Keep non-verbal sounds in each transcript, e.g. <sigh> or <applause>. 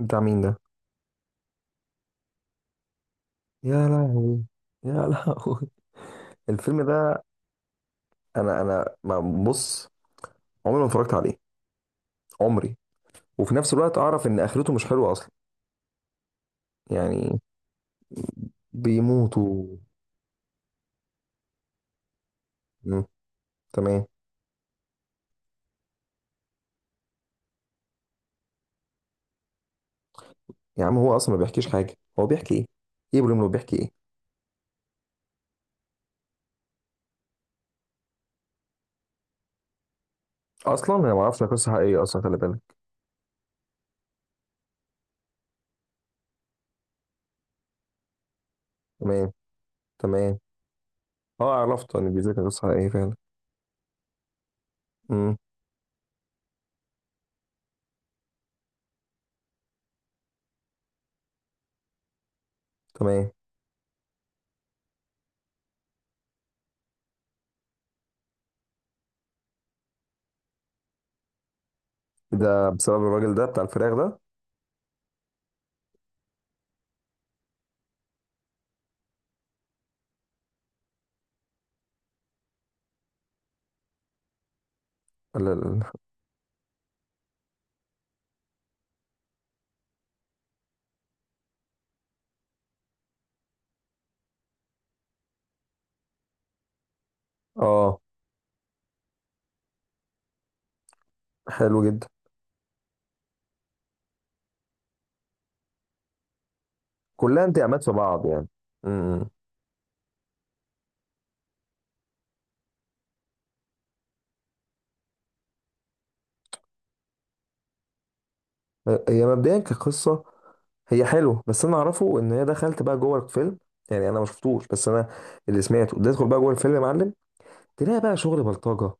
بتاع مين ده؟ يا لهوي، يا <laughs> لهوي. الفيلم ده، انا ما- بص، عمري ما اتفرجت عليه، عمري. وفي نفس الوقت اعرف ان اخرته مش حلوه اصلا يعني بيموتوا. مم. تمام. يا عم هو اصلا ما بيحكيش حاجه، هو بيحكي ايه؟ ايه بلوم لو بيحكي ايه؟ اصلا انا ما اعرفش قصه حقيقيه اصلا، خلي بالك. تمام. تمام. اه عرفت ان بيذاكر قصه حقيقيه فعلا. امم. تمام. ده بسبب الراجل ده بتاع الفراخ ده؟ ولا ال- اه. حلو جدا. كلها انتماءات في بعض يعني. امم. هي مبدئيا كقصة هي حلوة، بس انا اعرفه ان هي دخلت بقى جوه الفيلم، يعني انا ما شفتوش، بس انا اللي سمعته تدخل بقى جوه الفيلم يا معلم، تلاقي بقى شغل بلطجة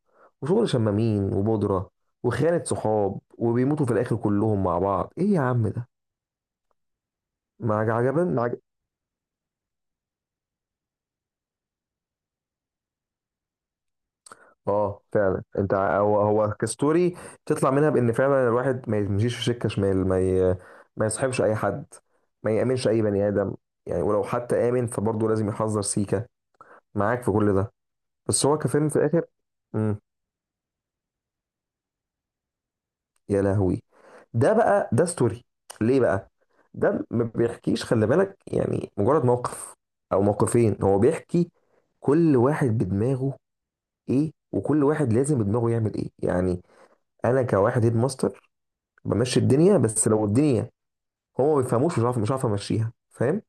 وشغل شمامين وبودرة وخيانة صحاب وبيموتوا في الاخر كلهم مع بعض. ايه يا عم ده؟ ما عج- عجبن ما عج... اه فعلا انت ع- هو هو كستوري تطلع منها بان فعلا الواحد ما يمشيش في سكة شمال، ما ي... ما يصاحبش اي حد، ما يامنش اي بني ادم يعني، ولو حتى امن فبرضه لازم يحذر سيكة. معاك في كل ده، بس هو كفيلم في الاخر. مم. يا لهوي، ده بقى ده ستوري. ليه بقى؟ ده ما بيحكيش، خلي بالك، يعني مجرد موقف او موقفين هو بيحكي. كل واحد بدماغه، ايه، وكل واحد لازم بدماغه يعمل ايه يعني. انا كواحد هيد ماستر بمشي الدنيا، بس لو الدنيا هو ما بيفهموش، مش عارف مش عارف امشيها، فاهم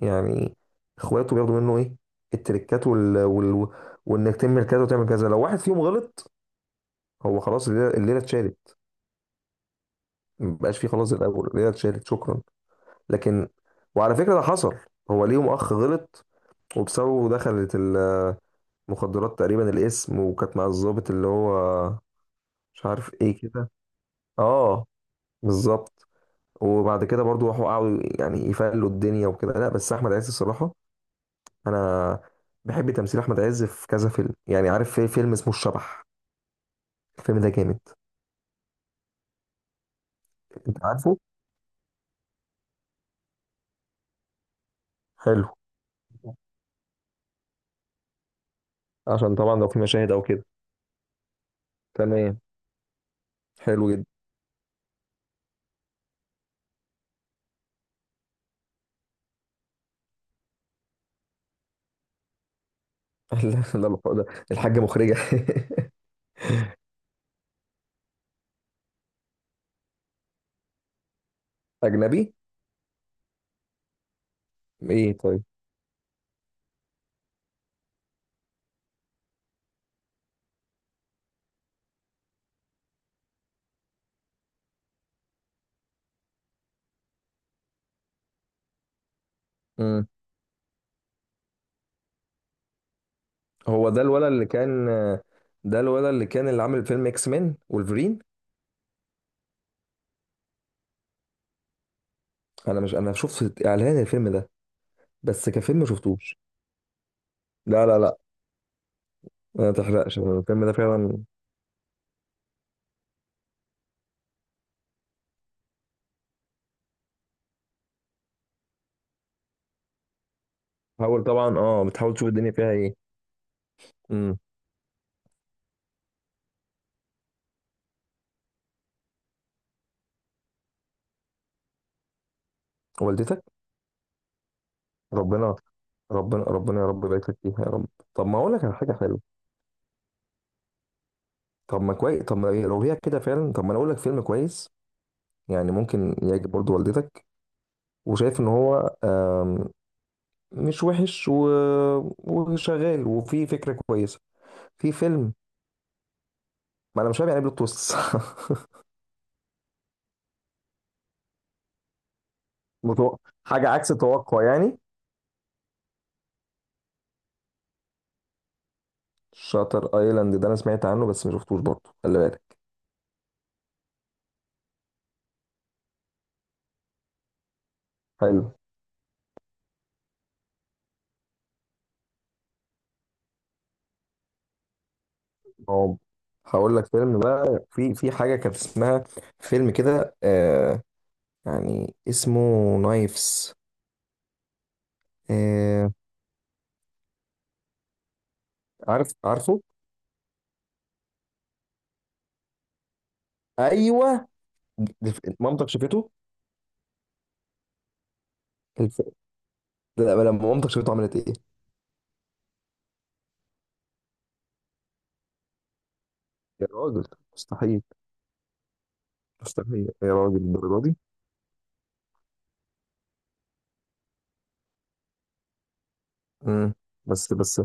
يعني؟ اخواته بياخدوا منه ايه؟ التريكات وال... وال... وانك تعمل كذا وتعمل كذا، لو واحد فيهم غلط هو خلاص الليله الليلة اتشالت، مبقاش فيه خلاص زي الاول، الليله اتشالت شكرا. لكن، وعلى فكره ده حصل، هو ليهم اخ غلط وبسببه دخلت المخدرات تقريبا الاسم، وكانت مع الضابط اللي هو مش عارف ايه كده. اه بالظبط. وبعد كده برضو راحوا قعدوا يعني يفلوا الدنيا وكده، لا بس احمد عز الصراحه، انا بحب تمثيل احمد عز في كذا فيلم، يعني عارف في فيلم اسمه الشبح؟ الفيلم ده جامد. انت عارفه؟ حلو. عشان طبعا لو في مشاهد او كده. تمام. حلو جدا. <laughs> لا، لا، ده الحاجة مخرجة. <laughs> أجنبي؟ إيه طيب؟ مم. هو ده الولد اللي كان، ده الولد اللي كان اللي عامل فيلم إكس مان وولفرين. أنا مش، أنا شفت إعلان الفيلم ده بس، كفيلم ما شفتوش. لا، ما تحرقش الفيلم ده فعلا. حاول طبعا، أه بتحاول تشوف الدنيا فيها إيه. مم. والدتك؟ ربنا، ربنا يا رب يبارك لك فيها يا رب. طب ما أقول لك على حاجة حلوة. طب ما كويس، طب ما إيه، لو هي كده فعلا، طب ما أنا أقول لك فيلم كويس، يعني ممكن يعجب برضه والدتك. وشايف ان هو مش وحش و... وشغال وفي فكره كويسه. في فيلم، ما انا مش فاهم يعني بلوت تويست. <laughs> متو... حاجه عكس التوقع يعني. شاتر ايلاند ده انا سمعت عنه بس ما شفتوش برضه، خلي بالك. حلو. هو هقول لك فيلم بقى، في في حاجه كانت اسمها فيلم كده، آه، يعني اسمه نايفز. آه. عارف عارفه. ايوه. مامتك شافته؟ الف... لا، لما مامتك شافته عملت ايه؟ يا راجل مستحيل. مستحيل يا راجل الدرجه دي. امم. بس بس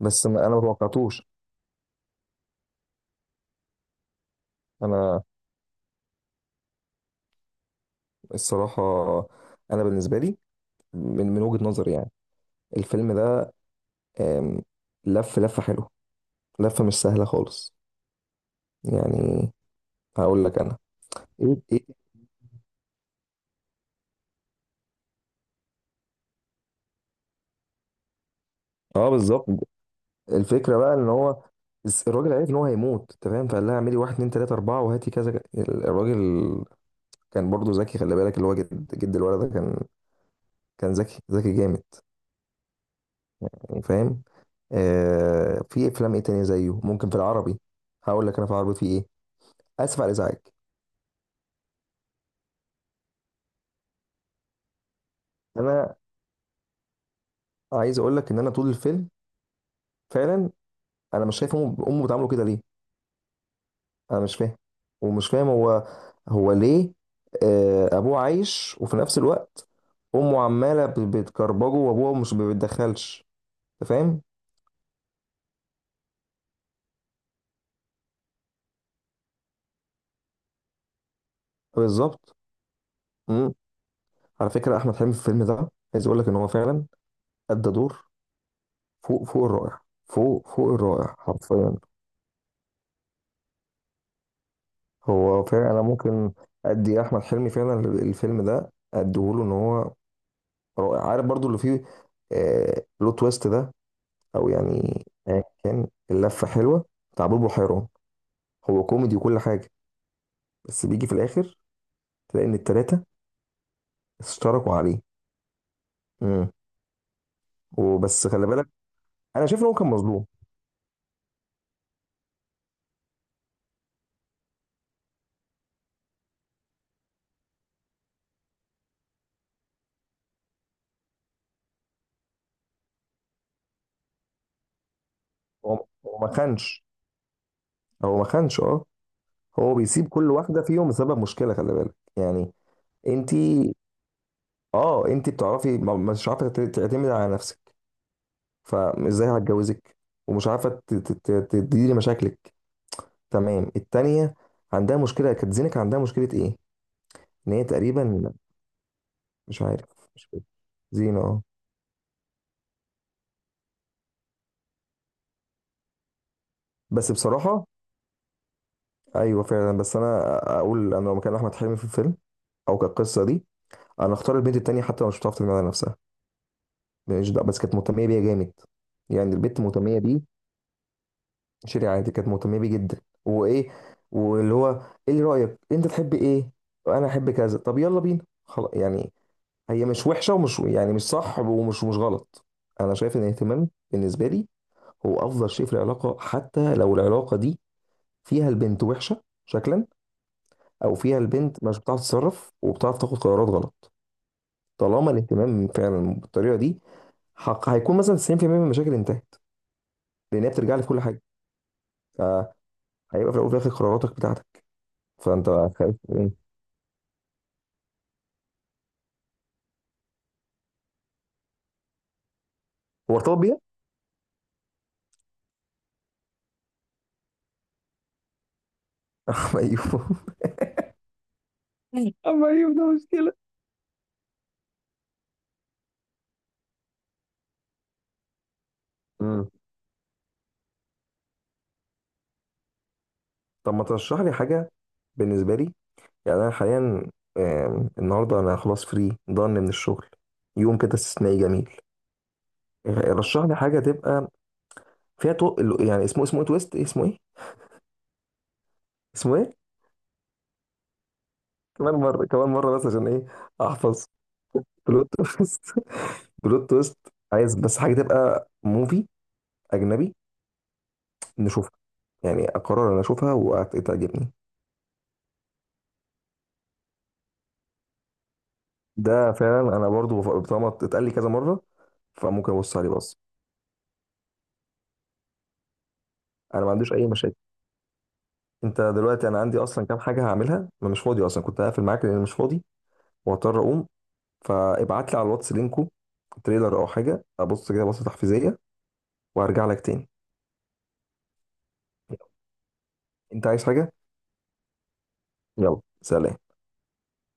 بس ما- انا ما توقعتوش. انا الصراحه، انا بالنسبه لي، من وجهه نظري يعني، الفيلم ده آم، لف لفه حلوه، لفه مش سهله خالص، يعني. هقول لك انا. ايه ايه. اه بالظبط. الفكره بقى ان هو، الس- الراجل عرف ان هو هيموت، انت فاهم، فقال لها اعملي واحد اتنين تلاته اربعه وهاتي كذا ك-. الراجل كان برضو ذكي، خلي بالك، اللي هو جد الولد ده كان، كان ذكي جامد، يعني فاهم؟ آه، في افلام ايه تانية زيه ممكن في العربي. هقول لك انا في العربي في ايه. اسف على الازعاج. انا عايز اقول لك ان انا طول الفيلم فعلا انا مش شايف، امه بتعامله كده ليه؟ انا مش فاهم. ومش فاهم هو، هو ليه آه ابوه عايش، وفي نفس الوقت امه عماله ب- بتكربجه وابوه مش ما بيتدخلش. انت فاهم. بالظبط. امم. على فكره احمد حلمي في الفيلم ده، عايز اقول لك ان هو فعلا ادى دور فوق الرائع، فوق الرائع حرفيا. هو فعلا انا ممكن ادي احمد حلمي فعلا الفيلم ده اديهوله، ان هو رائع، عارف برضو اللي فيه، آه لو تويست ده، او يعني آه كان اللفه حلوه بتاع بوبو حيران. هو كوميدي وكل حاجه، بس بيجي في الاخر تلاقي ان التلاته اشتركوا عليه. امم. وبس خلي بالك، انا شايف ان هو كان مظلوم. هو ما خانش، هو ما خانش، اه. هو بيسيب كل واحده فيهم بسبب مشكله، خلي بالك يعني. انت، اه انت بتعرفي ما- مش عارفه تعتمد على نفسك، فازاي هتجوزك؟ ومش عارفه ت- ت- ت- تديري مشاكلك. تمام التانية عندها مشكله، كانت زينك عندها مشكله ايه؟ ان هي تقريبا مش عارف، مش فاكر. زينه اه. بس بصراحه ايوه فعلا، بس انا اقول انا لو مكان احمد حلمي في الفيلم او كقصه دي، انا اختار البنت التانية، حتى لو مش بتعرف تجمع نفسها، ماليش دعوة، بس كانت مهتميه بيا جامد، يعني البنت المهتميه دي. شيري عادي كانت مهتميه بيه جدا وايه، واللي هو ايه اللي رايك انت تحب ايه، انا احب كذا، طب يلا بينا خلاص يعني. هي مش وحشه ومش يعني مش صح ومش مش غلط. انا شايف ان الاهتمام بالنسبه لي هو افضل شيء في العلاقه، حتى لو العلاقه دي فيها البنت وحشه شكلا، او فيها البنت مش بتعرف تتصرف وبتعرف تاخد قرارات غلط. طالما الاهتمام فعلا بالطريقه دي، حق هيكون مثلا 90% من المشاكل انتهت، لان هي بترجع لي في كل حاجه. فهيبقى في الاول وفي الاخر قراراتك بتاعتك. فانت خايف من-. هو ارتبط بيها؟ <laughs> اما ايوه. اما ايوه ده مشكله. مم. طب ما ترشح لي حاجه، بالنسبه لي يعني انا حاليا آم، النهارده انا خلاص فري ضن من الشغل، يوم كده استثنائي جميل. آه، رشح لي حاجه تبقى فيها تو... يعني اسمه، اسمه ايه تويست، إيه اسمه ايه؟ اسمه ايه؟ كمان مره، كمان مره، بس عشان ايه احفظ. بلوت تويست. <laughs> بلوت تويست. عايز بس حاجه تبقى موفي اجنبي نشوفها، يعني اقرر انا اشوفها وتعجبني. ده فعلا انا برضو بف- طالما اتقال لي كذا مره فممكن ابص عليه. بص انا ما عنديش اي مشاكل، انت دلوقتي انا عندي اصلا كام حاجه هعملها، ما مش فاضي اصلا، كنت هقفل معاك لان أنا مش فاضي وهضطر اقوم. فابعت لي على الواتس لينكو تريلر او حاجه ابص كده بصه تحفيزيه، وارجع لك تاني. انت عايز حاجه؟ يلا سلام.